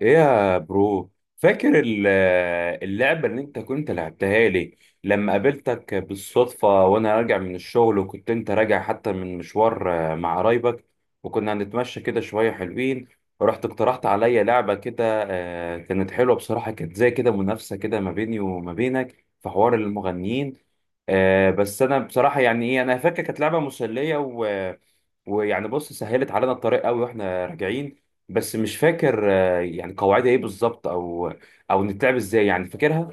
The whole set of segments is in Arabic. ايه يا برو؟ فاكر اللعبة اللي انت كنت لعبتها لي لما قابلتك بالصدفة وانا راجع من الشغل، وكنت انت راجع حتى من مشوار مع قرايبك، وكنا هنتمشى كده شوية حلوين، ورحت اقترحت عليا لعبة كده. كانت حلوة بصراحة، كانت زي كده منافسة كده ما بيني وما بينك في حوار المغنيين. بس انا بصراحة يعني ايه، انا فاكر كانت لعبة مسلية ويعني بص، سهلت علينا الطريق قوي واحنا راجعين. بس مش فاكر يعني قواعدها ايه بالظبط، او نتلعب ازاي، يعني فاكرها؟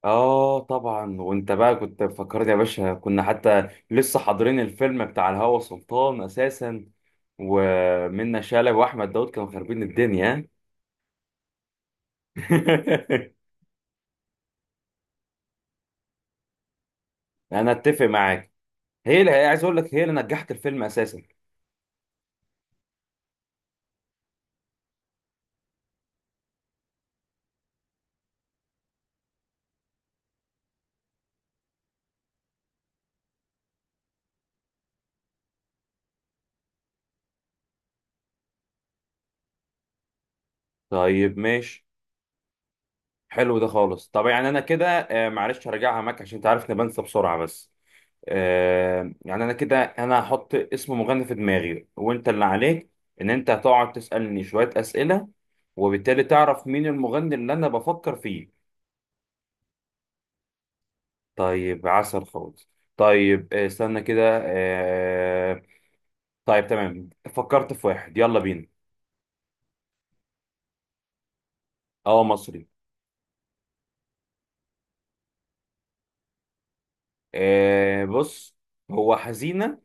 اه طبعا، وانت بقى كنت فكرني يا باشا. كنا حتى لسه حاضرين الفيلم بتاع الهوى سلطان اساسا، ومنة شلبي واحمد داود كانوا خاربين الدنيا. انا اتفق معاك، هي اللي عايز اقول لك، هي اللي نجحت الفيلم اساسا. طيب ماشي، حلو ده خالص. طب يعني انا كده، معلش هرجعها معاك عشان تعرف اني بنسى بسرعه بس. يعني انا كده، انا هحط اسم مغني في دماغي، وانت اللي عليك ان انت هتقعد تسألني شوية اسئلة، وبالتالي تعرف مين المغني اللي انا بفكر فيه. طيب عسل خالص. طيب استنى كده، طيب تمام، فكرت في واحد يلا بينا. اه مصري. بص، هو حزينة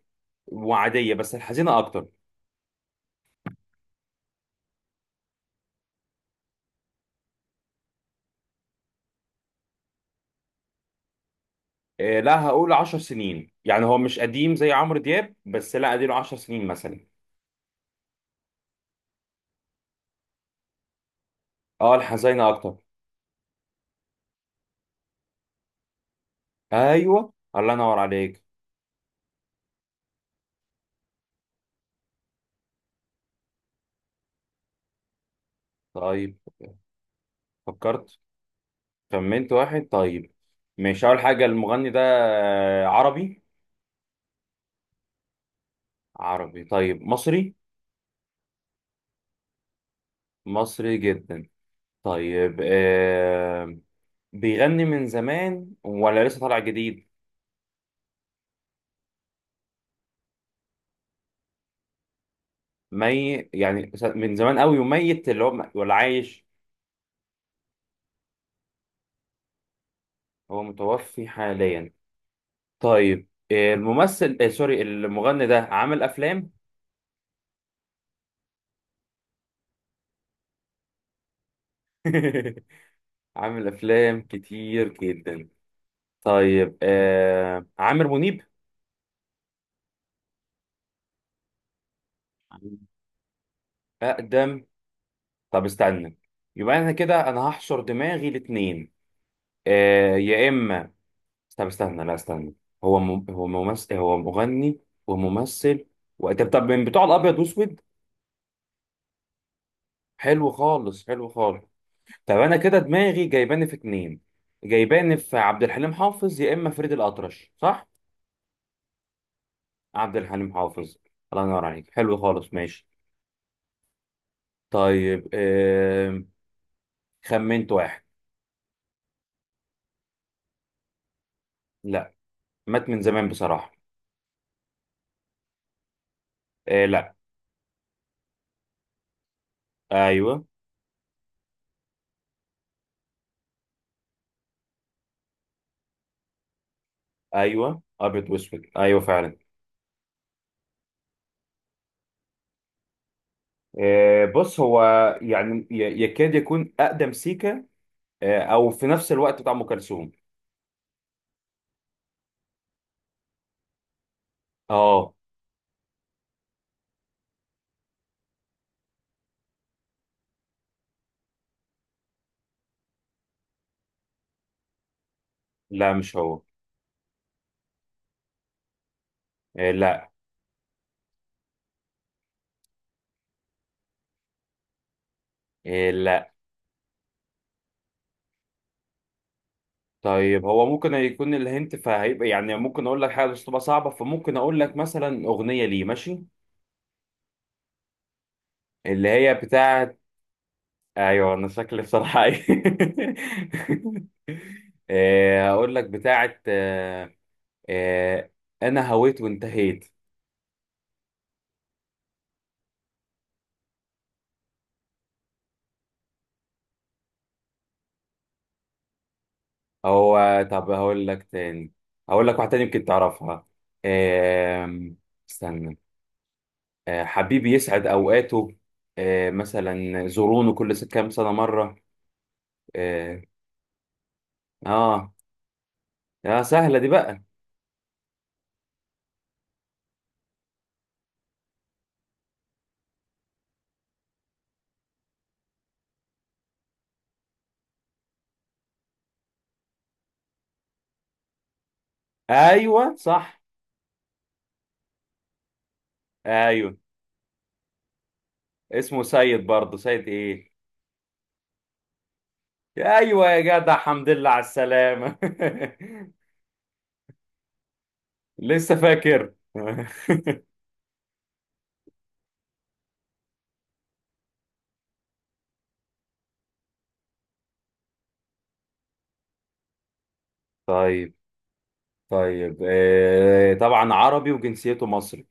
وعادية بس الحزينة اكتر. لا هقول عشر سنين، يعني هو مش قديم زي عمرو دياب، بس لا اديله عشر سنين مثلا. اه الحزينة اكتر. ايوه الله ينور عليك. طيب فكرت، خمنت واحد. طيب مش اول حاجه، المغني ده عربي. عربي. طيب مصري. مصري جدا. طيب بيغني من زمان ولا لسه طالع جديد؟ يعني من زمان قوي وميت، اللي هو ولا عايش؟ هو متوفي حاليا. طيب الممثل آه سوري، المغني ده عامل افلام؟ عامل افلام كتير جدا. طيب عامر منيب؟ أقدم. طب استنى، يبقى أنا كده أنا هحشر دماغي الاتنين. يا إما، طب استنى، لا استنى. هو ممثل، هو مغني وممثل طب من بتوع الأبيض وأسود. حلو خالص. طب أنا كده دماغي جايباني في اتنين، جايباني في عبد الحليم حافظ يا إما فريد الأطرش، صح؟ عبد الحليم حافظ. الله ينور عليك، حلو خالص ماشي. طيب خمنت واحد. لا، مات من زمان بصراحة. آه لا. ايوه. ايوه ابيض واسود، ايوه فعلا. بص هو يعني يكاد يكون اقدم سيكا، او في نفس الوقت بتاع ام كلثوم. اه. لا مش هو. آه لا. آه لا. طيب هو ممكن يكون الهنت، فهيبقى يعني ممكن اقول لك حاجة بس تبقى صعبة، فممكن اقول لك مثلا اغنية ليه ماشي، اللي هي بتاعت. ايوه انا شكلي بصراحة إيه. هقول لك بتاعت آه، انا هويت وانتهيت. هو طب هقول لك تاني، هقول لك واحده تاني يمكن تعرفها. آم، استنى، حبيبي يسعد اوقاته، مثلا زورونه كل كام سنه مره. اه. اه. سهله دي بقى. ايوه صح. ايوه. اسمه سيد، برضه سيد ايه. ايوه يا جدع، الحمد لله على السلامه. لسه فاكر طيب. طيب طبعا عربي وجنسيته مصري.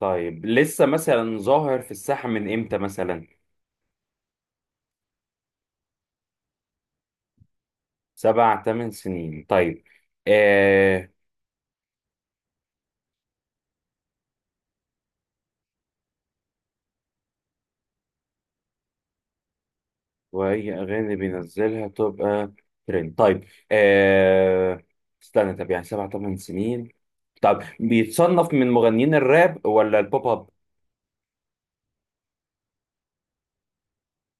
طيب لسه مثلا ظاهر في الساحة من امتى مثلا؟ سبع تمن سنين طيب. آه وأي أغاني بينزلها تبقى ترند. طيب آه استنى، طب يعني سبع تمن سنين؟ طب بيتصنف من مغنيين الراب ولا البوب اب؟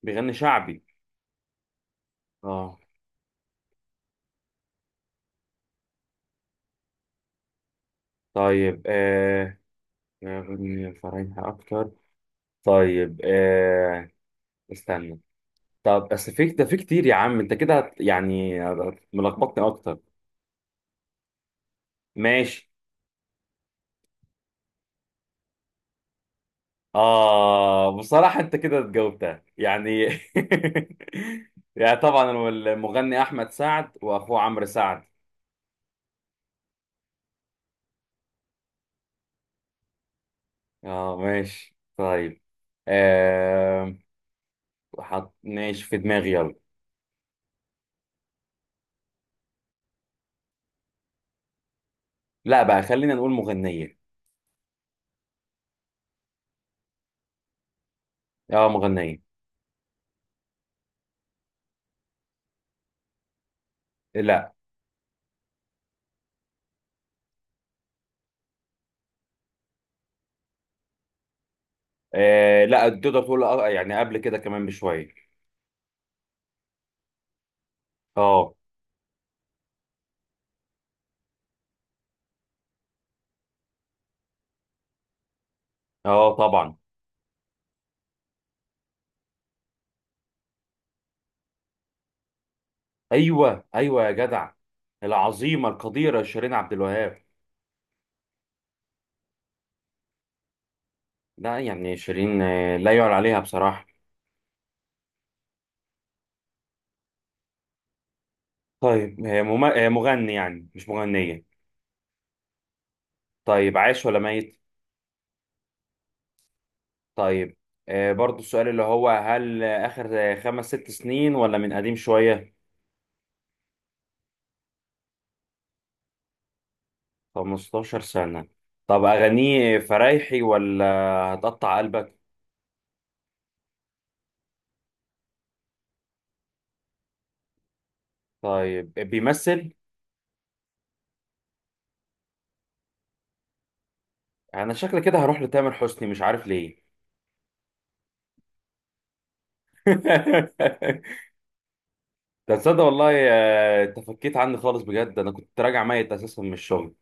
بيغني شعبي. اه. طيب أغنية فرايحة أكتر. طيب استنى، طب بس في ده في كتير يا عم، انت كده يعني ملخبطني اكتر. ماشي. بصراحة أنت كده جاوبتها يعني. يعني طبعا هو المغني أحمد سعد، وأخوه عمرو سعد. آه ماشي طيب. آه حط ماشي في دماغي يلا. لا بقى، خلينا نقول مغنية. آه مغنية. لا. لا تقدر تقول، يعني قبل كده كمان بشوية. آه. آه طبعا. أيوه أيوه يا جدع، العظيمة القديرة شيرين عبد الوهاب. لا يعني شيرين، لا يعلى عليها بصراحة. طيب هي مغني، يعني مش مغنية. طيب عايش ولا ميت؟ طيب برضو السؤال اللي هو هل آخر خمس ست سنين ولا من قديم شوية؟ 15 سنة. طب أغانيه فرايحي ولا هتقطع قلبك؟ طيب بيمثل. أنا شكل كده هروح لتامر حسني، مش عارف ليه. ده تصدق والله، تفكيت عني خالص بجد، أنا كنت راجع ميت أساسا من الشغل.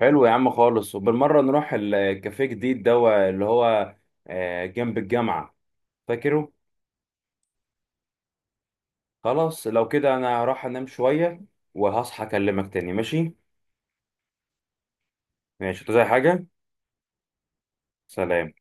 حلو يا عم خالص، وبالمرة نروح الكافيه جديد ده اللي هو جنب الجامعة، فاكره؟ خلاص لو كده انا هروح انام شوية، وهصحى اكلمك تاني، ماشي؟ ماشي انت زي حاجة. سلام.